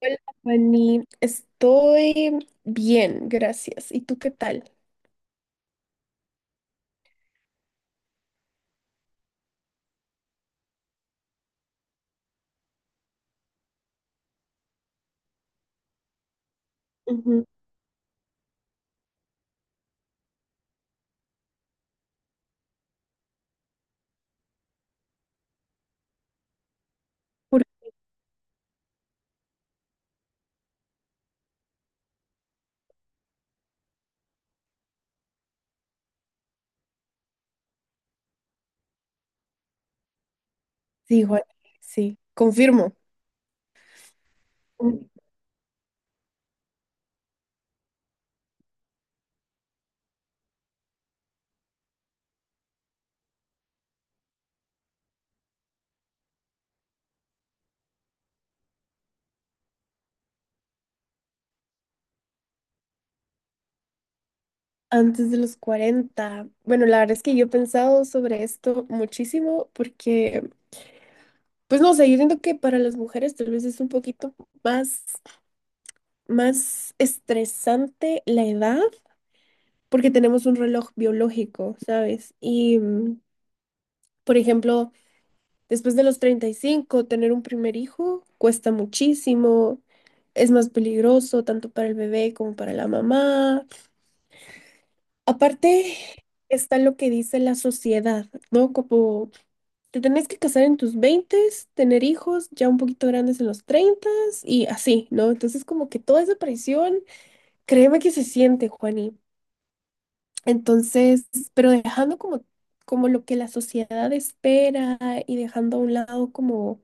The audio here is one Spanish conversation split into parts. Hola, Fanny. Estoy bien, gracias. ¿Y tú qué tal? Ujú. Por- Sí, Juan, sí, confirmo. Mm. Antes de los 40. Bueno, la verdad es que yo he pensado sobre esto muchísimo porque, pues no sé, yo siento que para las mujeres tal vez es un poquito más, más estresante la edad porque tenemos un reloj biológico, ¿sabes? Y, por ejemplo. Después de los 35 tener un primer hijo cuesta muchísimo, es más peligroso tanto para el bebé como para la mamá. Aparte está lo que dice la sociedad, ¿no? Como te tenés que casar en tus 20, tener hijos ya un poquito grandes en los 30 y así, ¿no? Entonces como que toda esa presión, créeme que se siente, Juani. Entonces, pero dejando como lo que la sociedad espera y dejando a un lado como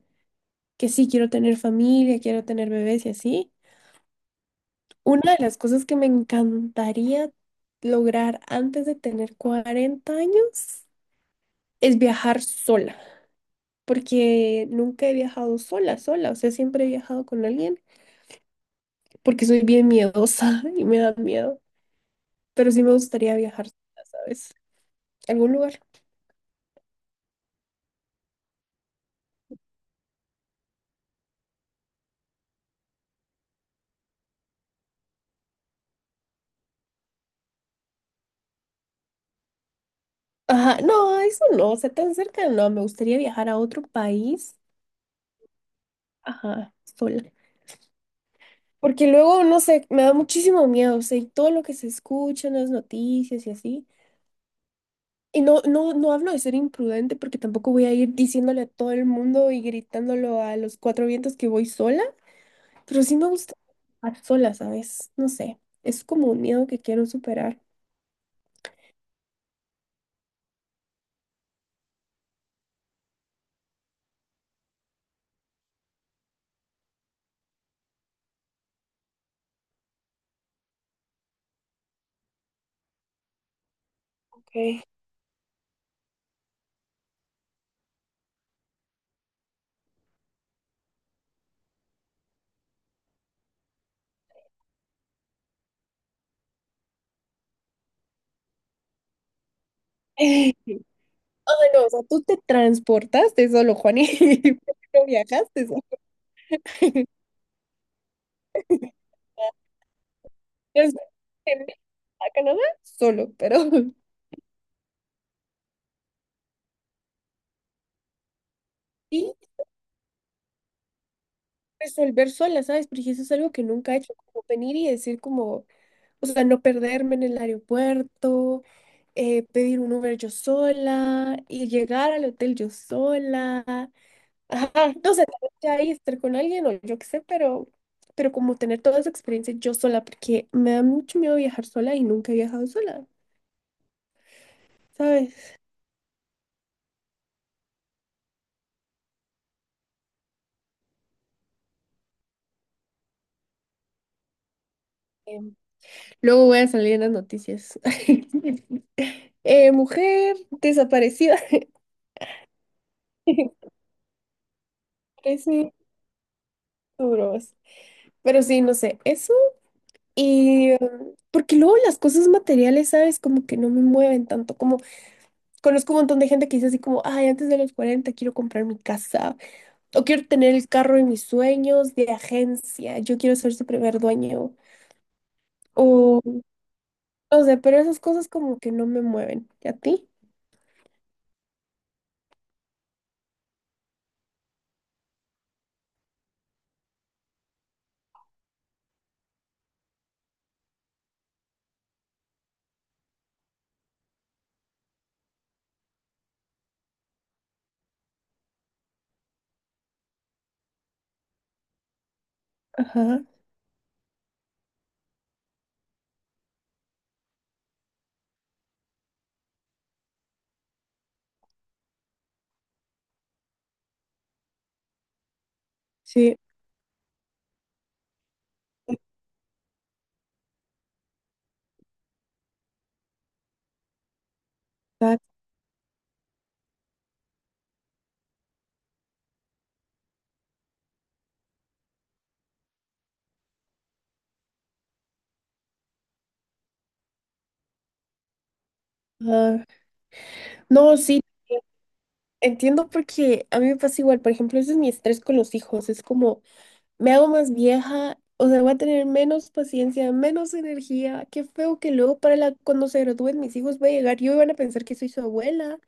que sí quiero tener familia, quiero tener bebés y así. Una de las cosas que me encantaría lograr antes de tener 40 años es viajar sola, porque nunca he viajado sola, sola, o sea, siempre he viajado con alguien, porque soy bien miedosa y me da miedo, pero sí me gustaría viajar sola, ¿sabes? ¿Algún lugar? Ajá, no, eso no, o sea, tan cerca no, me gustaría viajar a otro país, ajá, sola. Porque luego, no sé, me da muchísimo miedo, o sea, y todo lo que se escucha en las noticias y así. Y no, no, no hablo de ser imprudente porque tampoco voy a ir diciéndole a todo el mundo y gritándolo a los cuatro vientos que voy sola, pero sí me gusta estar sola, ¿sabes? No sé, es como un miedo que quiero superar. Okay. Ay, no, o sea, tú te transportaste solo, Juan, y no viajaste solo. Te fuiste a Canadá solo, pero sí resolver sola, ¿sabes? Porque eso es algo que nunca he hecho, como venir y decir como, o sea, no perderme en el aeropuerto, pedir un Uber yo sola y llegar al hotel yo sola. Ajá, no sé, tal vez ya ahí estar con alguien o yo qué sé, pero como tener toda esa experiencia yo sola, porque me da mucho miedo viajar sola y nunca he viajado sola, ¿sabes? Em, Luego voy a salir en las noticias. Mujer desaparecida. Parece duro. Pero sí, no sé, eso. Y porque luego las cosas materiales, ¿sabes? Como que no me mueven tanto. Como conozco un montón de gente que dice así como, ay, antes de los 40 quiero comprar mi casa o quiero tener el carro de mis sueños de agencia, yo quiero ser su primer dueño. O no sé, pero esas cosas como que no me mueven. ¿Y a ti? Ajá, sí, exacto. Ajá. No, sí, entiendo porque a mí me pasa igual. Por ejemplo, ese es mi estrés con los hijos. Es como, me hago más vieja, o sea, voy a tener menos paciencia, menos energía. Qué feo que luego cuando se gradúen mis hijos voy a llegar yo y van a pensar que soy su abuela.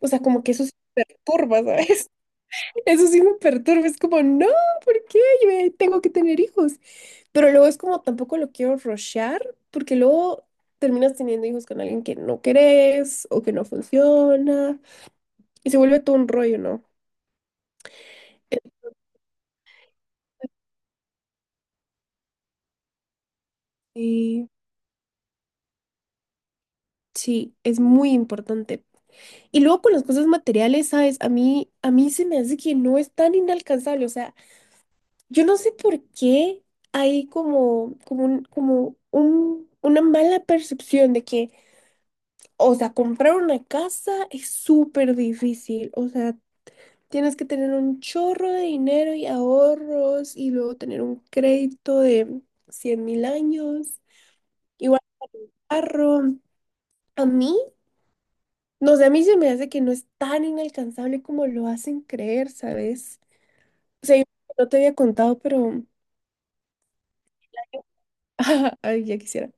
O sea, como que eso sí me perturba, ¿sabes? Eso sí me perturba. Es como, no, ¿por qué? Yo ya tengo que tener hijos. Pero luego es como, tampoco lo quiero rushear, porque luego terminas teniendo hijos con alguien que no querés o que no funciona. Y se vuelve todo un rollo, ¿no? Y sí, sí, es muy importante. Y luego con las cosas materiales, ¿sabes? A mí se me hace que no es tan inalcanzable. O sea, yo no sé por qué hay como una mala percepción de que, o sea, comprar una casa es súper difícil. O sea, tienes que tener un chorro de dinero y ahorros y luego tener un crédito de 100.000 años. Igual carro. A mí, no sé, a mí se me hace que no es tan inalcanzable como lo hacen creer, ¿sabes? Sí, no te había contado, pero ay, ya quisiera.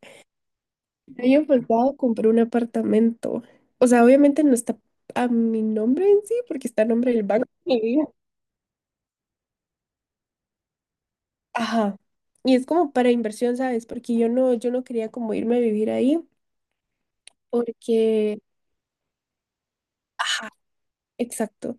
El año pasado compré un apartamento. O sea, obviamente no está a mi nombre en sí, porque está a nombre del banco. Mi vida. Ajá. Y es como para inversión, ¿sabes? Porque yo no quería como irme a vivir ahí, porque ajá, exacto.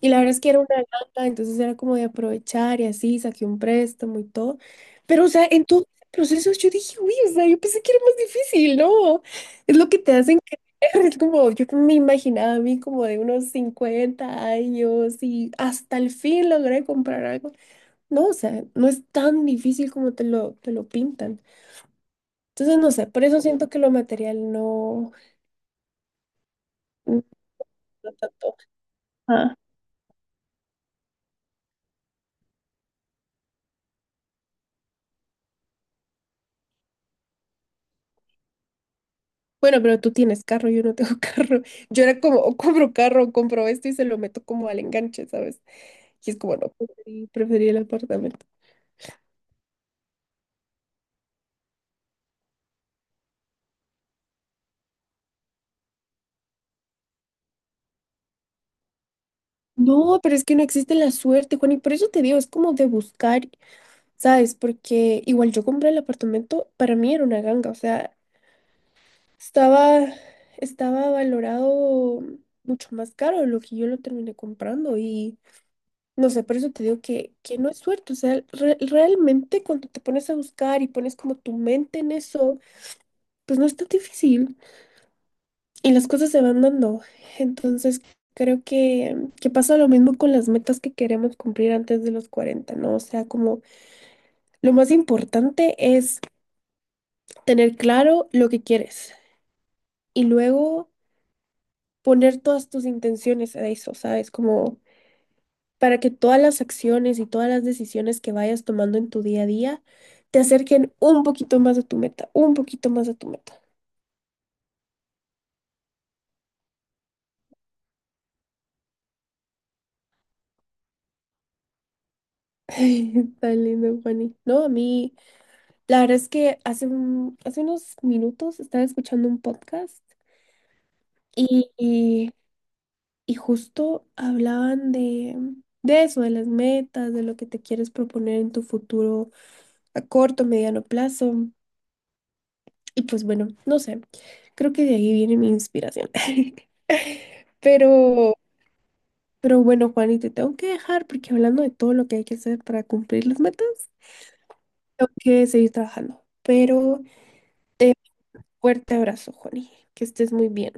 Y la verdad es que era una ganga, entonces era como de aprovechar y así, saqué un préstamo y todo. Pero, o sea, en todo el proceso yo dije, uy, o sea, yo pensé que era más difícil, ¿no? Es lo que te hacen creer, es como, yo me imaginaba a mí como de unos 50 años y hasta el fin logré comprar algo. No, o sea, no es tan difícil como te lo pintan. Entonces, no sé, por eso siento que lo material no, no tanto. Bueno, pero tú tienes carro, yo no tengo carro. Yo era como, o compro carro, o compro esto y se lo meto como al enganche, ¿sabes? Y es como, no, preferí el apartamento. No, pero es que no existe la suerte, Juan, y por eso te digo, es como de buscar, ¿sabes? Porque igual yo compré el apartamento, para mí era una ganga, o sea, estaba, estaba valorado mucho más caro de lo que yo lo terminé comprando y no sé, por eso te digo que no es suerte. O sea, realmente cuando te pones a buscar y pones como tu mente en eso, pues no es tan difícil y las cosas se van dando. Entonces, creo que pasa lo mismo con las metas que queremos cumplir antes de los 40, ¿no? O sea, como lo más importante es tener claro lo que quieres y luego poner todas tus intenciones a eso, ¿sabes? Como para que todas las acciones y todas las decisiones que vayas tomando en tu día a día te acerquen un poquito más a tu meta, un poquito más a tu meta. Ay, tan lindo, Juani. No, a mí, la verdad es que hace unos minutos estaba escuchando un podcast y, y- y justo hablaban de eso, de las metas, de lo que te quieres proponer en tu futuro a corto, mediano plazo. Y pues bueno, no sé, creo que de ahí viene mi inspiración. Pero Pero bueno, Juani, te tengo que dejar porque hablando de todo lo que hay que hacer para cumplir las metas, tengo que seguir trabajando. Pero te fuerte abrazo, Juani. Que estés muy bien.